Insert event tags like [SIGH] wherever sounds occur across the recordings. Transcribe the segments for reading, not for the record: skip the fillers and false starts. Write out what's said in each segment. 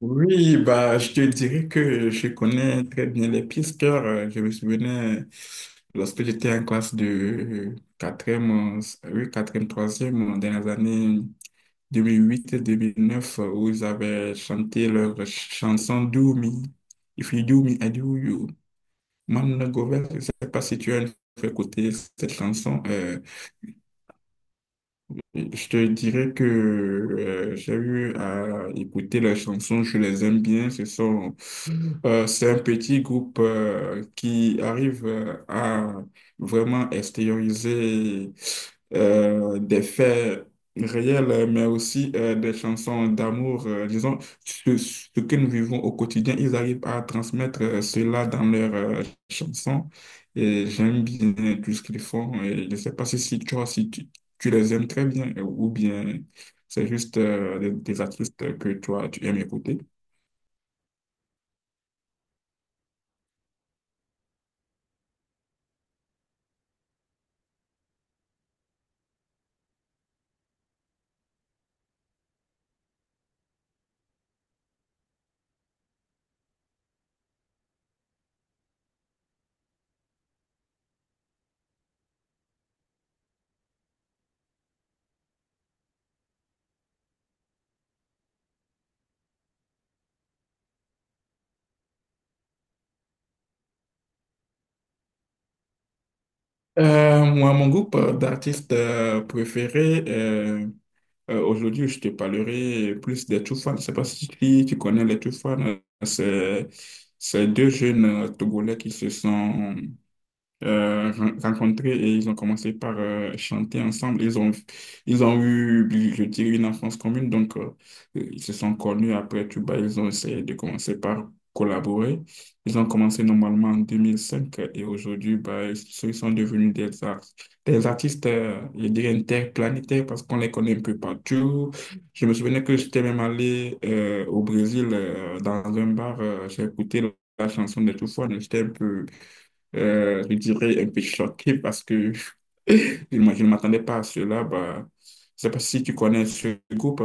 Oui, bah, je te dirais que je connais très bien les pisteurs. Je me souvenais lorsque j'étais en classe de quatrième e oui, 4e, 3e, dans les années 2008-2009, où ils avaient chanté leur chanson "Do Doumi. If you do me, I do you. Man, Govert, je ne sais pas si tu as une fois écouté cette chanson. Je te dirais que j'ai eu à écouter leurs chansons, je les aime bien. C'est un petit groupe qui arrive à vraiment extérioriser des faits réels, mais aussi des chansons d'amour. Disons, ce que nous vivons au quotidien, ils arrivent à transmettre cela dans leurs chansons. Et j'aime bien tout ce qu'ils font. Et je ne sais pas si, si, tu vois, si tu les aimes très bien ou bien c'est juste des artistes que toi, tu aimes écouter? Moi, mon groupe d'artistes préférés, aujourd'hui, je te parlerai plus des Two Fans. Je ne sais pas si tu connais les Two. C'est, c'est deux jeunes Togolais qui se sont rencontrés et ils ont commencé par chanter ensemble. Ils ont eu, je dirais, une enfance commune, donc ils se sont connus après Tuba. Ils ont essayé de commencer par collaborer. Ils ont commencé normalement en 2005 et aujourd'hui, bah, ils sont devenus des artistes, je dirais, interplanétaires parce qu'on les connaît un peu partout. Je me souvenais que j'étais même allé au Brésil dans un bar, j'ai écouté la chanson de Toufoua, donc j'étais un peu je dirais un peu choqué parce que [LAUGHS] je ne m'attendais pas à cela. Bah, je ne sais pas si tu connais ce groupe.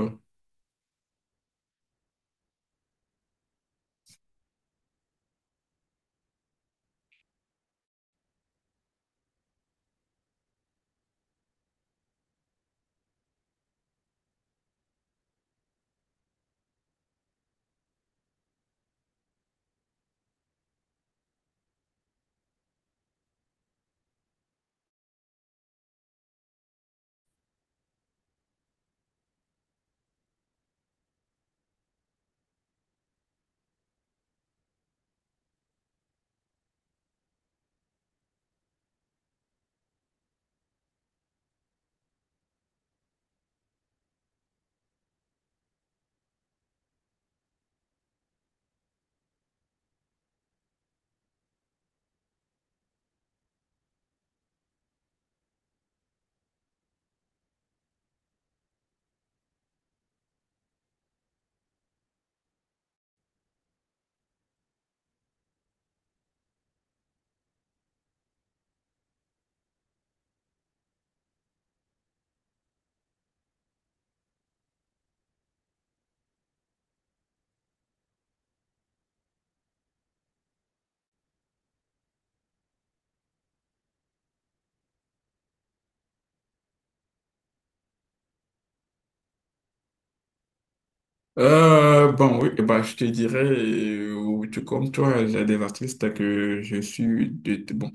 Bon, oui, bah, je te dirais, oui, tout comme toi, j'ai des artistes que je suis bon,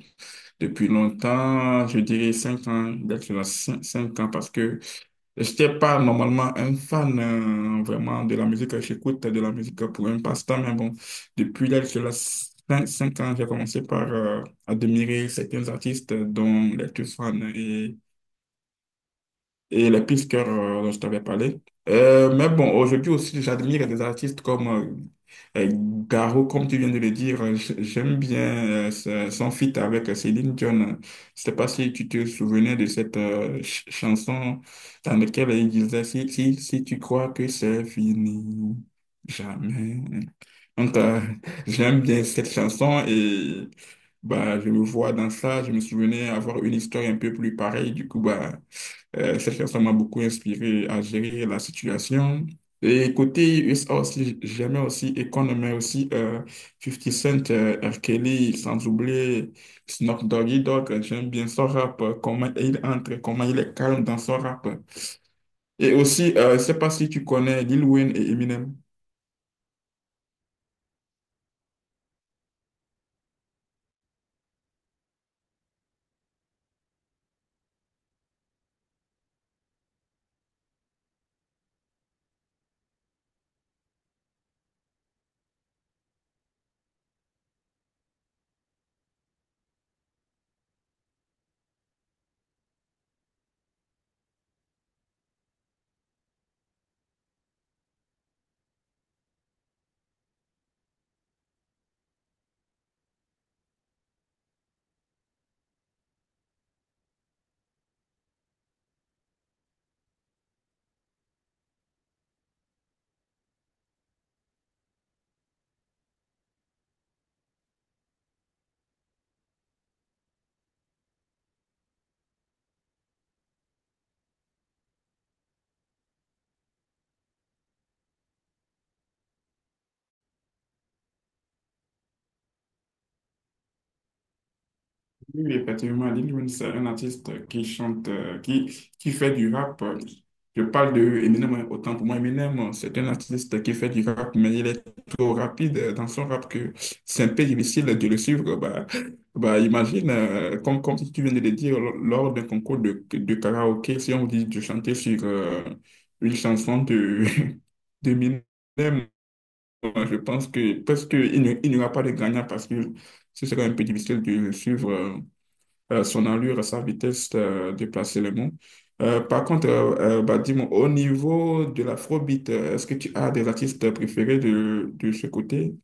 depuis longtemps, je dirais 5 ans, d'être 5 ans parce que Je J'étais pas normalement un fan vraiment de la musique. J'écoute de la musique pour un passe-temps, mais bon, depuis l'âge de 5, ans, j'ai commencé par admirer certains artistes dont les plus fan. Et les pistes que dont je t'avais parlé. Mais bon, aujourd'hui aussi, j'admire des artistes comme euh, euh, Garo, comme tu viens de le dire. J'aime bien son feat avec Céline Dion. Je sais pas si tu te souvenais de cette chanson dans laquelle il disait si tu crois que c'est fini, jamais. Donc, [LAUGHS] j'aime bien cette chanson et bah, je me vois dans ça. Je me souvenais avoir une histoire un peu plus pareille. Du coup, bah, cette chanson m'a beaucoup inspiré à gérer la situation. Et côté USA aussi, j'aimais aussi Akon, mais aussi 50 Cent, R. Kelly, sans oublier Snoop Doggy Dogg. J'aime bien son rap, comment il entre, comment il est calme dans son rap. Et aussi, je ne sais pas si tu connais Lil Wayne et Eminem. Oui, effectivement, Lil Wayne, c'est un artiste qui chante, qui fait du rap. Je parle de Eminem, autant pour moi, Eminem, c'est un artiste qui fait du rap, mais il est trop rapide dans son rap que c'est un peu difficile de le suivre. Bah, imagine, comme si tu viens de le dire, lors d'un concours de karaoké, si on vous dit de chanter sur une chanson de, [LAUGHS] de Eminem, je pense que parce qu'il n'y aura pas de gagnant parce que ce serait un peu difficile de le suivre. Son allure, sa vitesse de placer les mots. Par contre, bah, dis-moi, au niveau de l'afrobeat, est-ce que tu as des artistes préférés de ce côté?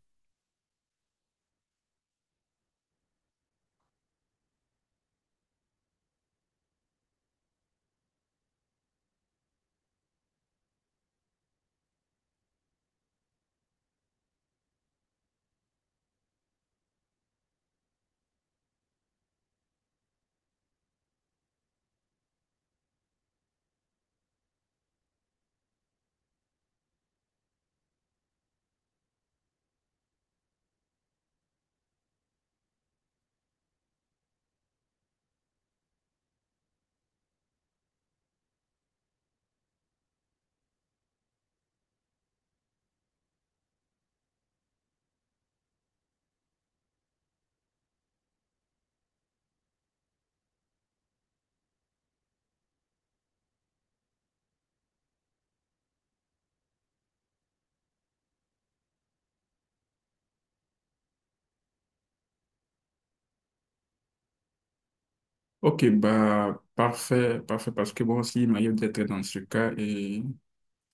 Ok, bah, parfait, parfait, parce que bon, aussi, il m'arrive d'être dans ce cas et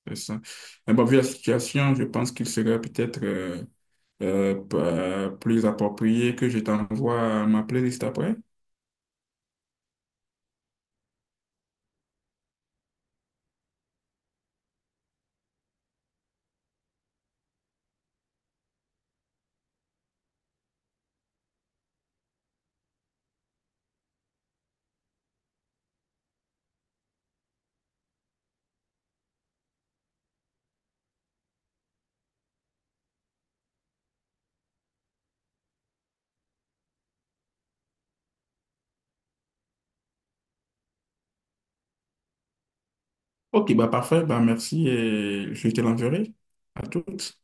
c'est ça. Mais bon, vu la situation, je pense qu'il serait peut-être plus approprié que je t'envoie ma playlist après. Ok, bah parfait, bah merci et je te l'enverrai. À toutes.